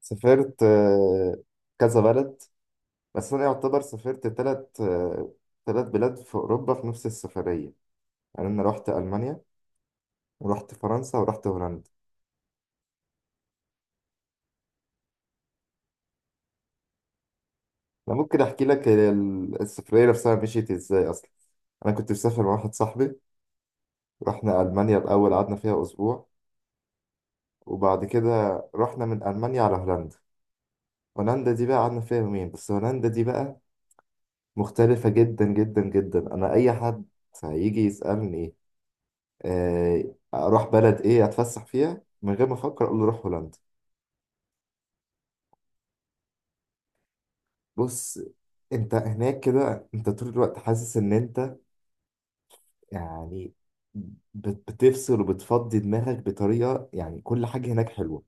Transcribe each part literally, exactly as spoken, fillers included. سافرت آه، كذا بلد. بس أنا يعتبر سافرت تلت آه، تلت بلاد في أوروبا في نفس السفرية. يعني أنا رحت ألمانيا ورحت فرنسا ورحت هولندا. أنا ممكن أحكي لك هي ال- السفرية نفسها مشيت إزاي أصلا. أنا كنت مسافر مع واحد صاحبي، رحنا ألمانيا الأول، قعدنا فيها أسبوع، وبعد كده رحنا من ألمانيا على هولندا. هولندا دي بقى قعدنا فيها يومين بس. هولندا دي بقى مختلفة جدا جدا جدا. أنا أي حد هيجي يسألني آه، اروح بلد ايه اتفسح فيها، من غير ما افكر اقول له روح هولندا. بص، انت هناك كده انت طول الوقت حاسس ان انت يعني بت- بتفصل وبتفضي دماغك بطريقه، يعني كل حاجه هناك حلوه.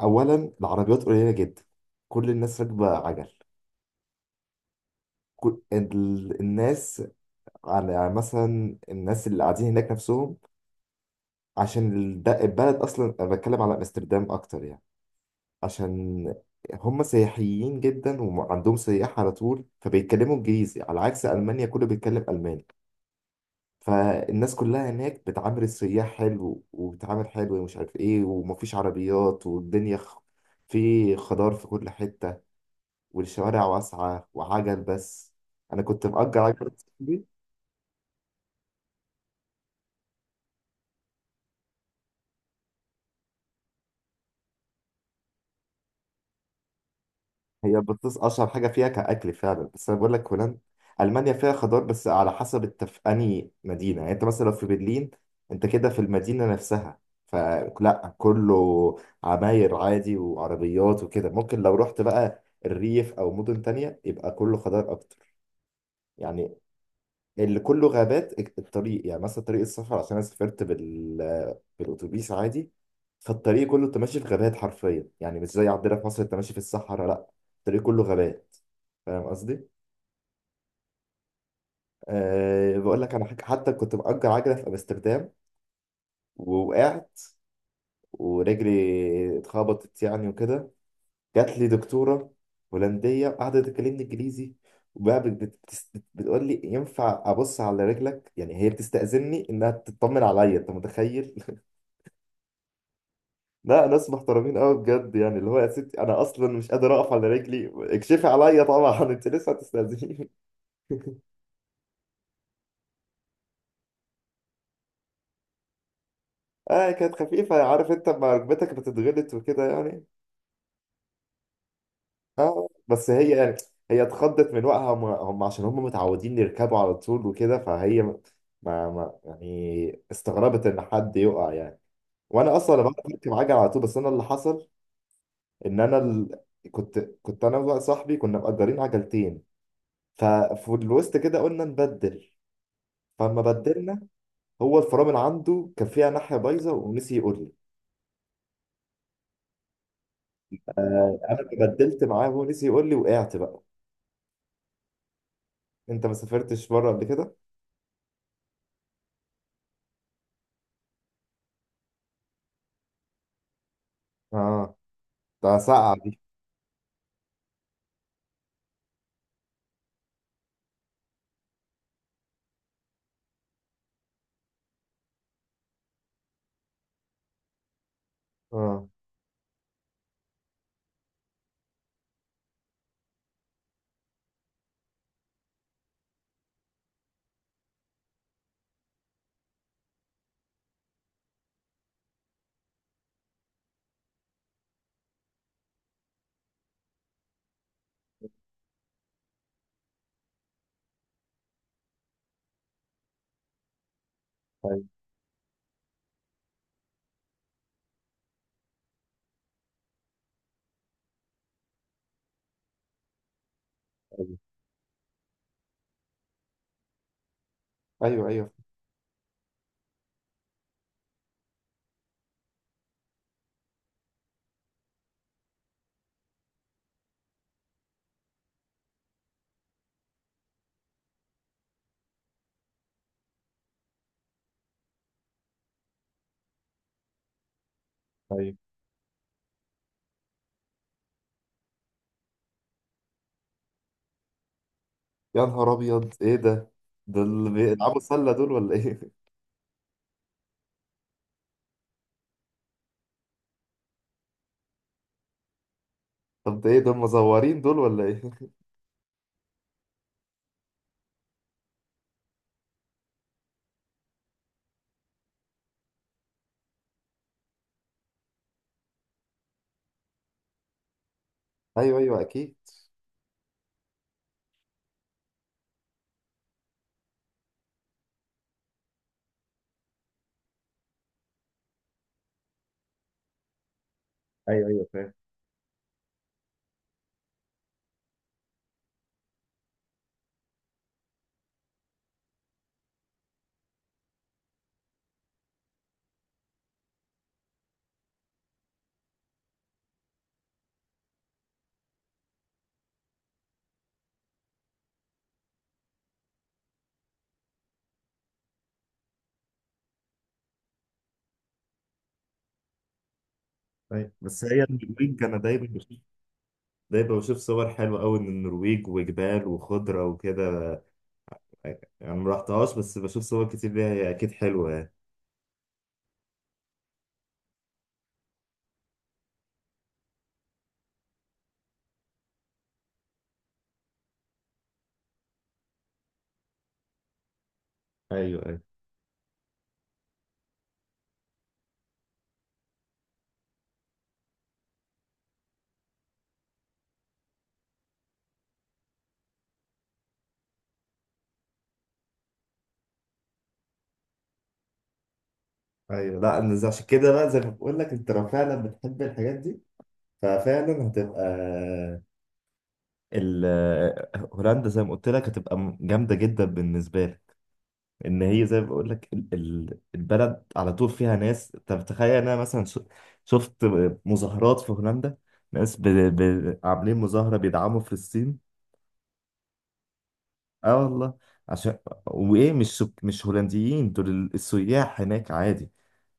اولا العربيات قليله جدا، كل الناس راكبه عجل، كل ال- الناس على، يعني مثلا الناس اللي قاعدين هناك نفسهم، عشان الد- البلد اصلا، انا بتكلم على امستردام اكتر يعني، عشان هم سياحيين جدا وعندهم سياح على طول، فبيتكلموا انجليزي على عكس المانيا كله بيتكلم الماني. فالناس كلها هناك بتعامل السياح حلو وبتعامل حلو ومش عارف ايه، ومفيش عربيات والدنيا خ... في خضار في كل حتة، والشوارع واسعة وعجل بس. انا كنت مأجر عجل. هي بطز اشهر حاجه فيها كاكل فعلا، بس انا بقول لك هولندا. المانيا فيها خضار بس على حسب انت في انهي مدينه، يعني انت مثلا لو في برلين انت كده في المدينه نفسها، فلا، كله عماير عادي وعربيات وكده. ممكن لو رحت بقى الريف او مدن تانية يبقى كله خضار اكتر يعني، اللي كله غابات. الطريق يعني مثلا طريق السفر، عشان انا سافرت بال بالاتوبيس عادي، فالطريق كله انت ماشي في غابات حرفيا، يعني مش زي عندنا في مصر انت ماشي في الصحراء، لا، الطريق كله غابات. فاهم قصدي؟ أه بقول لك انا حاجة، حتى كنت مأجر عجلة في امستردام، ووقعت ورجلي اتخبطت يعني وكده. جات لي دكتورة هولندية قعدت تكلمني انجليزي، وبقى بت- بت- بتقول لي ينفع ابص على رجلك، يعني هي بتستأذني انها تطمن عليا، انت متخيل؟ لا ناس محترمين قوي بجد، يعني اللي هو يا ستي انا اصلا مش قادر اقف على رجلي، اكشفي عليا طبعا، انت لسه هتستاذيني. اه كانت خفيفه، عارف انت لما ركبتك بتتغلط وكده يعني. اه بس هي يعني، هي اتخضت من وقعها هم, هم عشان هم متعودين يركبوا على طول وكده، فهي ما, ما يعني استغربت ان حد يقع يعني. وانا اصلا بعرف اركب عجل على طول، بس انا اللي حصل ان انا ال... كنت كنت انا وصاحبي كنا مأجرين عجلتين، ففي الوسط كده قلنا نبدل، فلما بدلنا هو الفرامل عنده كان فيها ناحية بايظة ونسي يقول لي. آه، أنا لما بدلت معاه هو نسي يقول لي، وقعت بقى. أنت ما سافرتش بره قبل كده؟ آه، ده ساقعة دي. آه. أيوه. أيوه. أيوه. أيوه. أيوه. يا نهار أبيض، إيه ده؟ دول بيلعبوا سلة دول ولا إيه؟ طب ده إيه، دول مزورين دول ولا إيه؟ أيوه أيوه أكيد. ايوه ايوه فاهم. ايوه، بس هي النرويج انا دايما بشوف، دايما بشوف صور حلوه قوي من النرويج وجبال وخضره وكده، يعني ما رحتهاش بس بشوف صور كتير ليها، هي اكيد حلوه يعني. ايوه ايوه. ايوه، لا أنا زي- عشان كده بقى زي ما بقول لك، انت لو فعلا بتحب الحاجات دي ففعلا هتبقى ال هولندا زي ما قلت لك هتبقى م- جامده جدا بالنسبه لك. ان هي زي ما بقول لك ال- ال- البلد على طول فيها ناس. طب تخيل، انا مثلا ش- شفت مظاهرات في هولندا، ناس ب... ب... عاملين مظاهره بيدعموا فلسطين. اه والله. عشان وايه، مش سك... مش هولنديين، دول ال- السياح هناك عادي.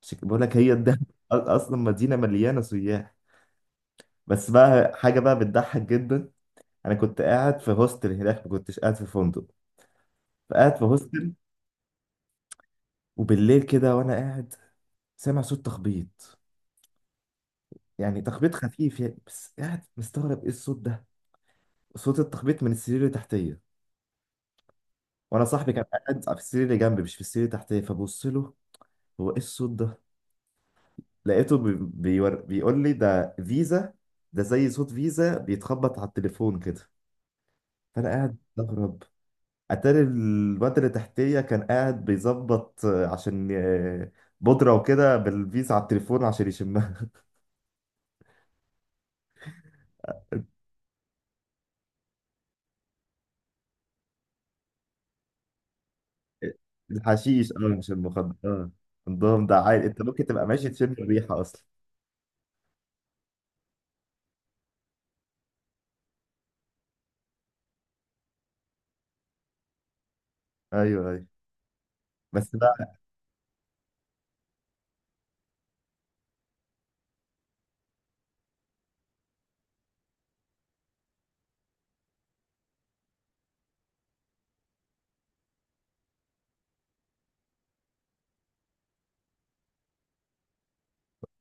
عشان كده بقول لك هي الدهب. أ- اصلا مدينه مليانه سياح. بس بقى حاجه بقى بتضحك جدا، انا كنت قاعد في هوستل هناك، ما كنتش قاعد في فندق، فقاعد في هوستل وبالليل كده، وانا قاعد سامع صوت تخبيط، يعني تخبيط خفيف يعني، بس قاعد مستغرب ايه الصوت ده. صوت التخبيط من السرير اللي تحتيه، وانا صاحبي كان قاعد في السرير اللي جنبي مش في السرير اللي تحتيه، فبص له، هو ايه الصوت ده؟ لقيته بي- بيور... بيقول لي ده فيزا، ده زي صوت فيزا بيتخبط على التليفون كده. فانا قاعد استغرب. اتاري الواد اللي تحتيه كان قاعد بيظبط، آه، عشان آه، بودرة وكده بالفيزا على التليفون عشان يشمها. الحشيش اه، مش المخدر اه. عندهم ده عادي، انت ممكن تبقى ماشي تشم الريحة اصلا. ايوه ايوه. بس بقى،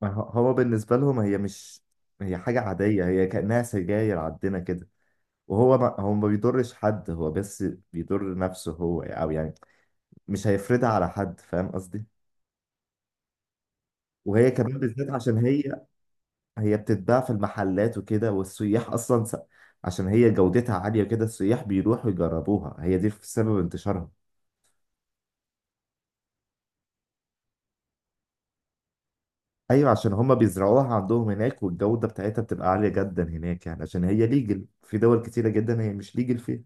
ما هو هو بالنسبة لهم هي مش، هي حاجة عادية، هي كأنها سجاير عندنا كده. وهو ما هو ما بيضرش حد، هو بس بيضر نفسه هو، او يعني مش هيفرضها على حد، فاهم قصدي. وهي كمان بالذات عشان هي، هي بتتباع في المحلات وكده، والسياح اصلا س... عشان هي جودتها عالية كده، السياح بيروحوا يجربوها، هي دي في سبب انتشارها. ايوه، عشان هما بيزرعوها عندهم هناك، والجودة بتاعتها بتبقى عالية جدا هناك يعني، عشان هي ليجل في دول كتيرة جدا، هي مش ليجل فيها.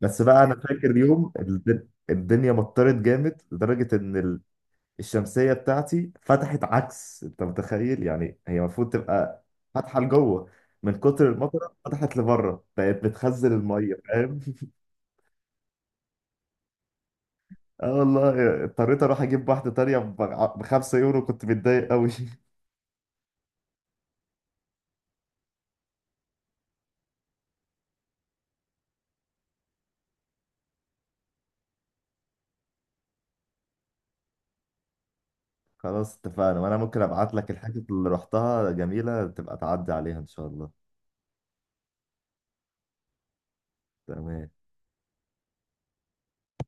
بس بقى انا فاكر يوم الد- الدنيا مطرت جامد لدرجة ان الشمسية بتاعتي فتحت عكس، انت متخيل؟ يعني هي المفروض تبقى فاتحة لجوه، من كتر المطرة فتحت لبره بقت بتخزن المية، فاهم؟ اه والله اضطريت اروح اجيب واحدة تانية ب خمسة يورو، كنت متضايق قوي. خلاص اتفقنا، وانا ممكن ابعت لك الحاجات اللي رحتها جميلة تبقى تعدي عليها ان شاء الله. تمام.